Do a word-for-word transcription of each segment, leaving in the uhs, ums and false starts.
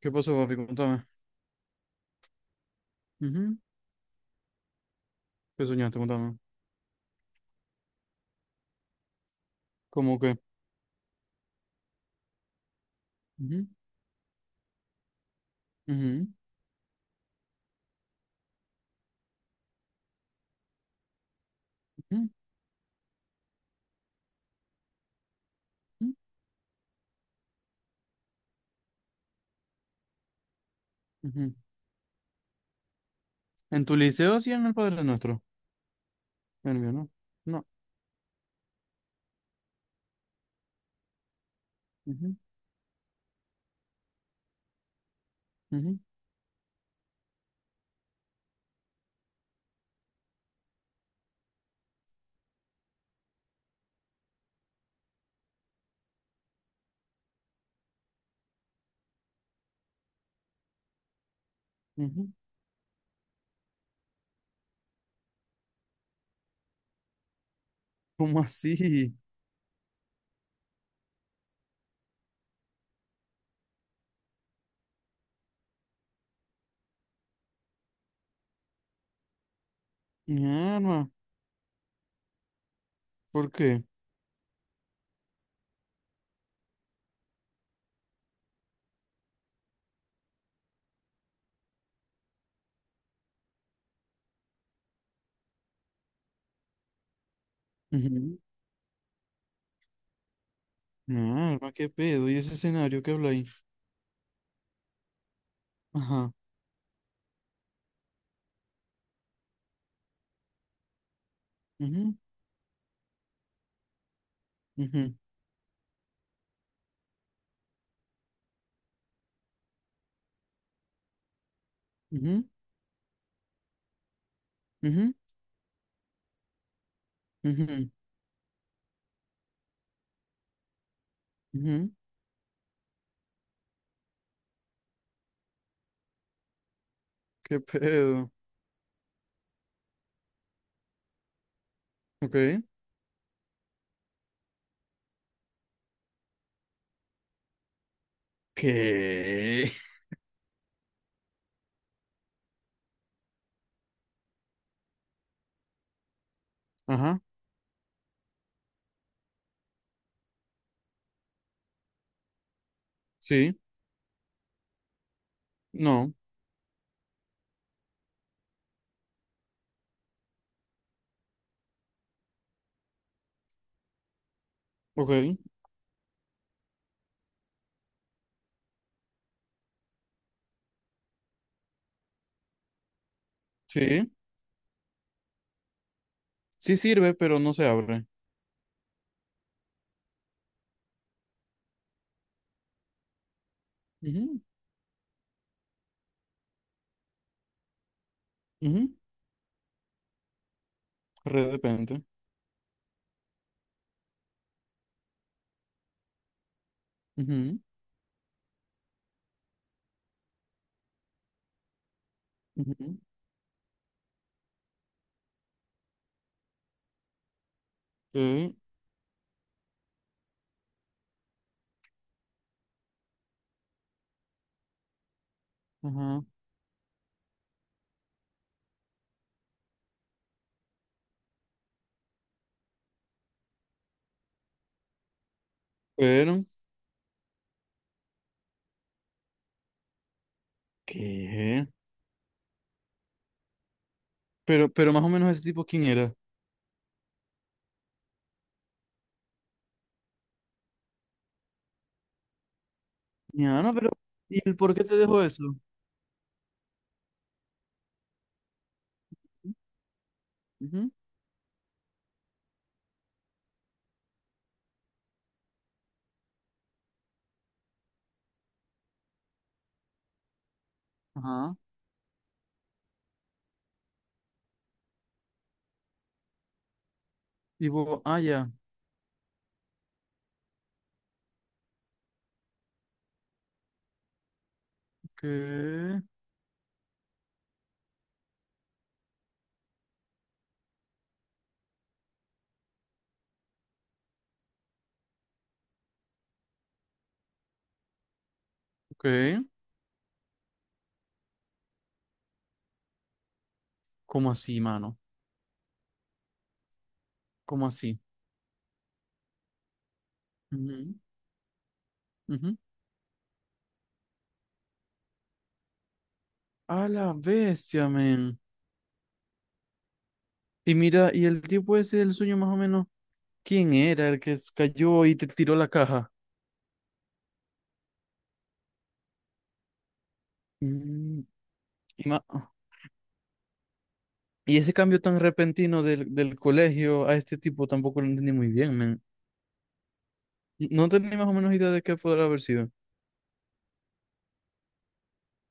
¿Qué pasó, papi? Contame. Ujú. ¿Qué soñaste? Contame. ¿Cómo qué? Ujú, ujú, ujú, ujú, ujú. ¿En tu liceo hacían el Padre Nuestro? En el mío, ¿no? No. Ujú, ujú, ujú. ¿Cómo así? Mi, ¿por qué? Ujú. Mi, ¿qué pedo? ¿Y ese escenario que habla ahí? Ajá. Ujú, ujú, ujú, ujú, ujú, ujú. ¿Qué pedo? Ok. ¿Qué? Ajá. Sí. No. Ok. Sí. Sí sirve, pero no se abre. Ujú, ujú. Re depende. Ujú, ujú. Ok. Ajá. Pero, ¿qué? Pero, pero más o menos ese tipo, ¿quién era? Ya, no, pero, ¿y el por qué te dejó eso? Ujú. Ajá. Tipo, ah, ya. ¿Qué? Ok. ¿Cómo así, mano? ¿Cómo así? Ujú. Ujú. A la bestia, men. Y mira, y el tipo ese del sueño, más o menos, ¿quién era el que cayó y te tiró la caja? Mm. Y más. Y ese cambio tan repentino del, del colegio a este tipo tampoco lo entendí muy bien, man. No tenía más o menos idea de qué podrá haber sido.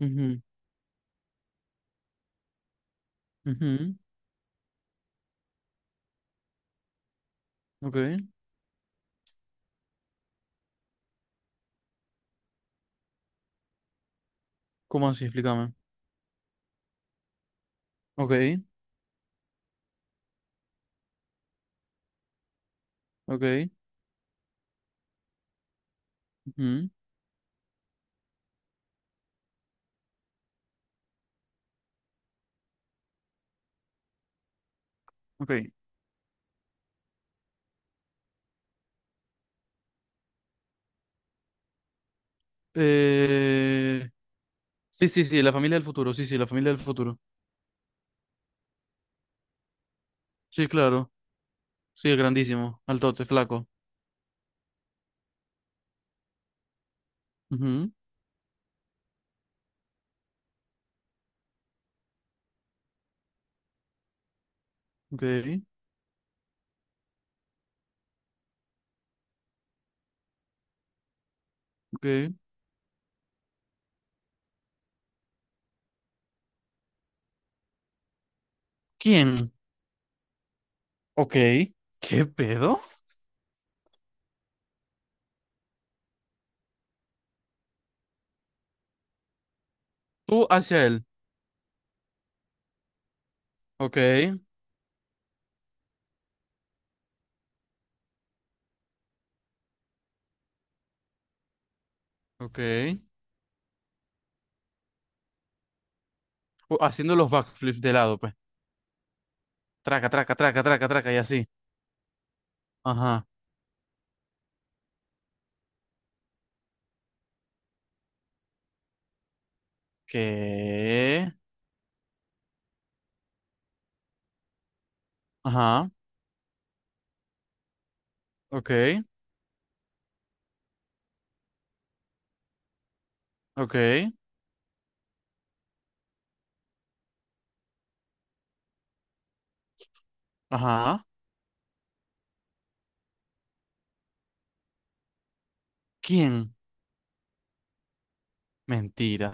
Ujú, ujú. Ok. ¿Cómo así? Explícame. Ok, ok, ujú, ok. Eh, Sí, sí, sí, la familia del futuro. Sí, sí, la familia del futuro. Sí, claro. Sí, grandísimo. Altote, flaco. Ujú, ok, ok. ¿Quién? Ok. ¿Qué pedo? Tú hacia él. Ok, ok. O- Haciendo los backflips de lado, pues. Traca, traca, traca, traca, traca, y así. Ajá. ¿Qué? Ajá. Ok, ok. Ajá. ¿Quién? Mentira.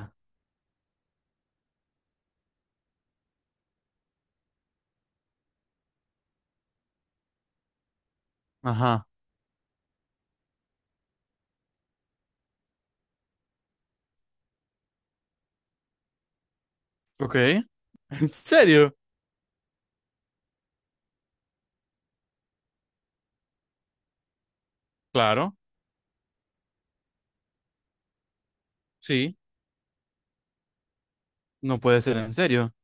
Ajá. Ok. ¿En serio? Claro. Sí. No puede ser en serio.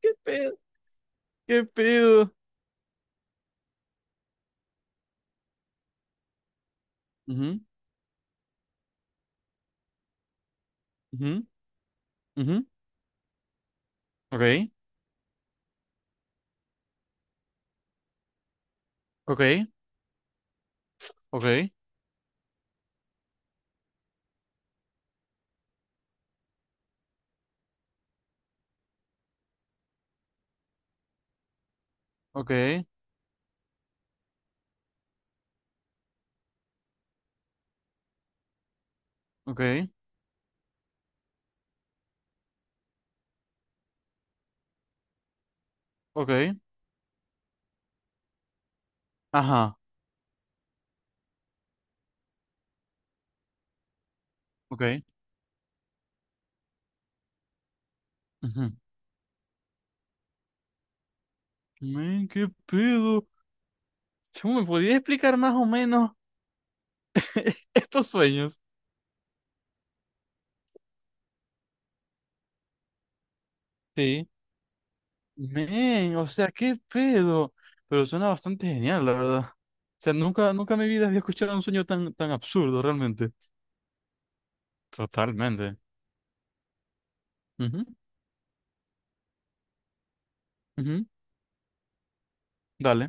¿Qué pedo? ¿Qué pedo? Ujú, ujú, ujú. Ok, ok, ok, ok, ok, ok. Ajá. Ok. Ujú. Men, ¿qué pedo? ¿Cómo me podías explicar más o menos estos sueños? Sí. Men, o sea, qué pedo. Pero suena bastante genial, la verdad. O sea, nunca, nunca en mi vida había escuchado un sueño tan, tan absurdo, realmente. Totalmente. Ujú, ujú. Dale.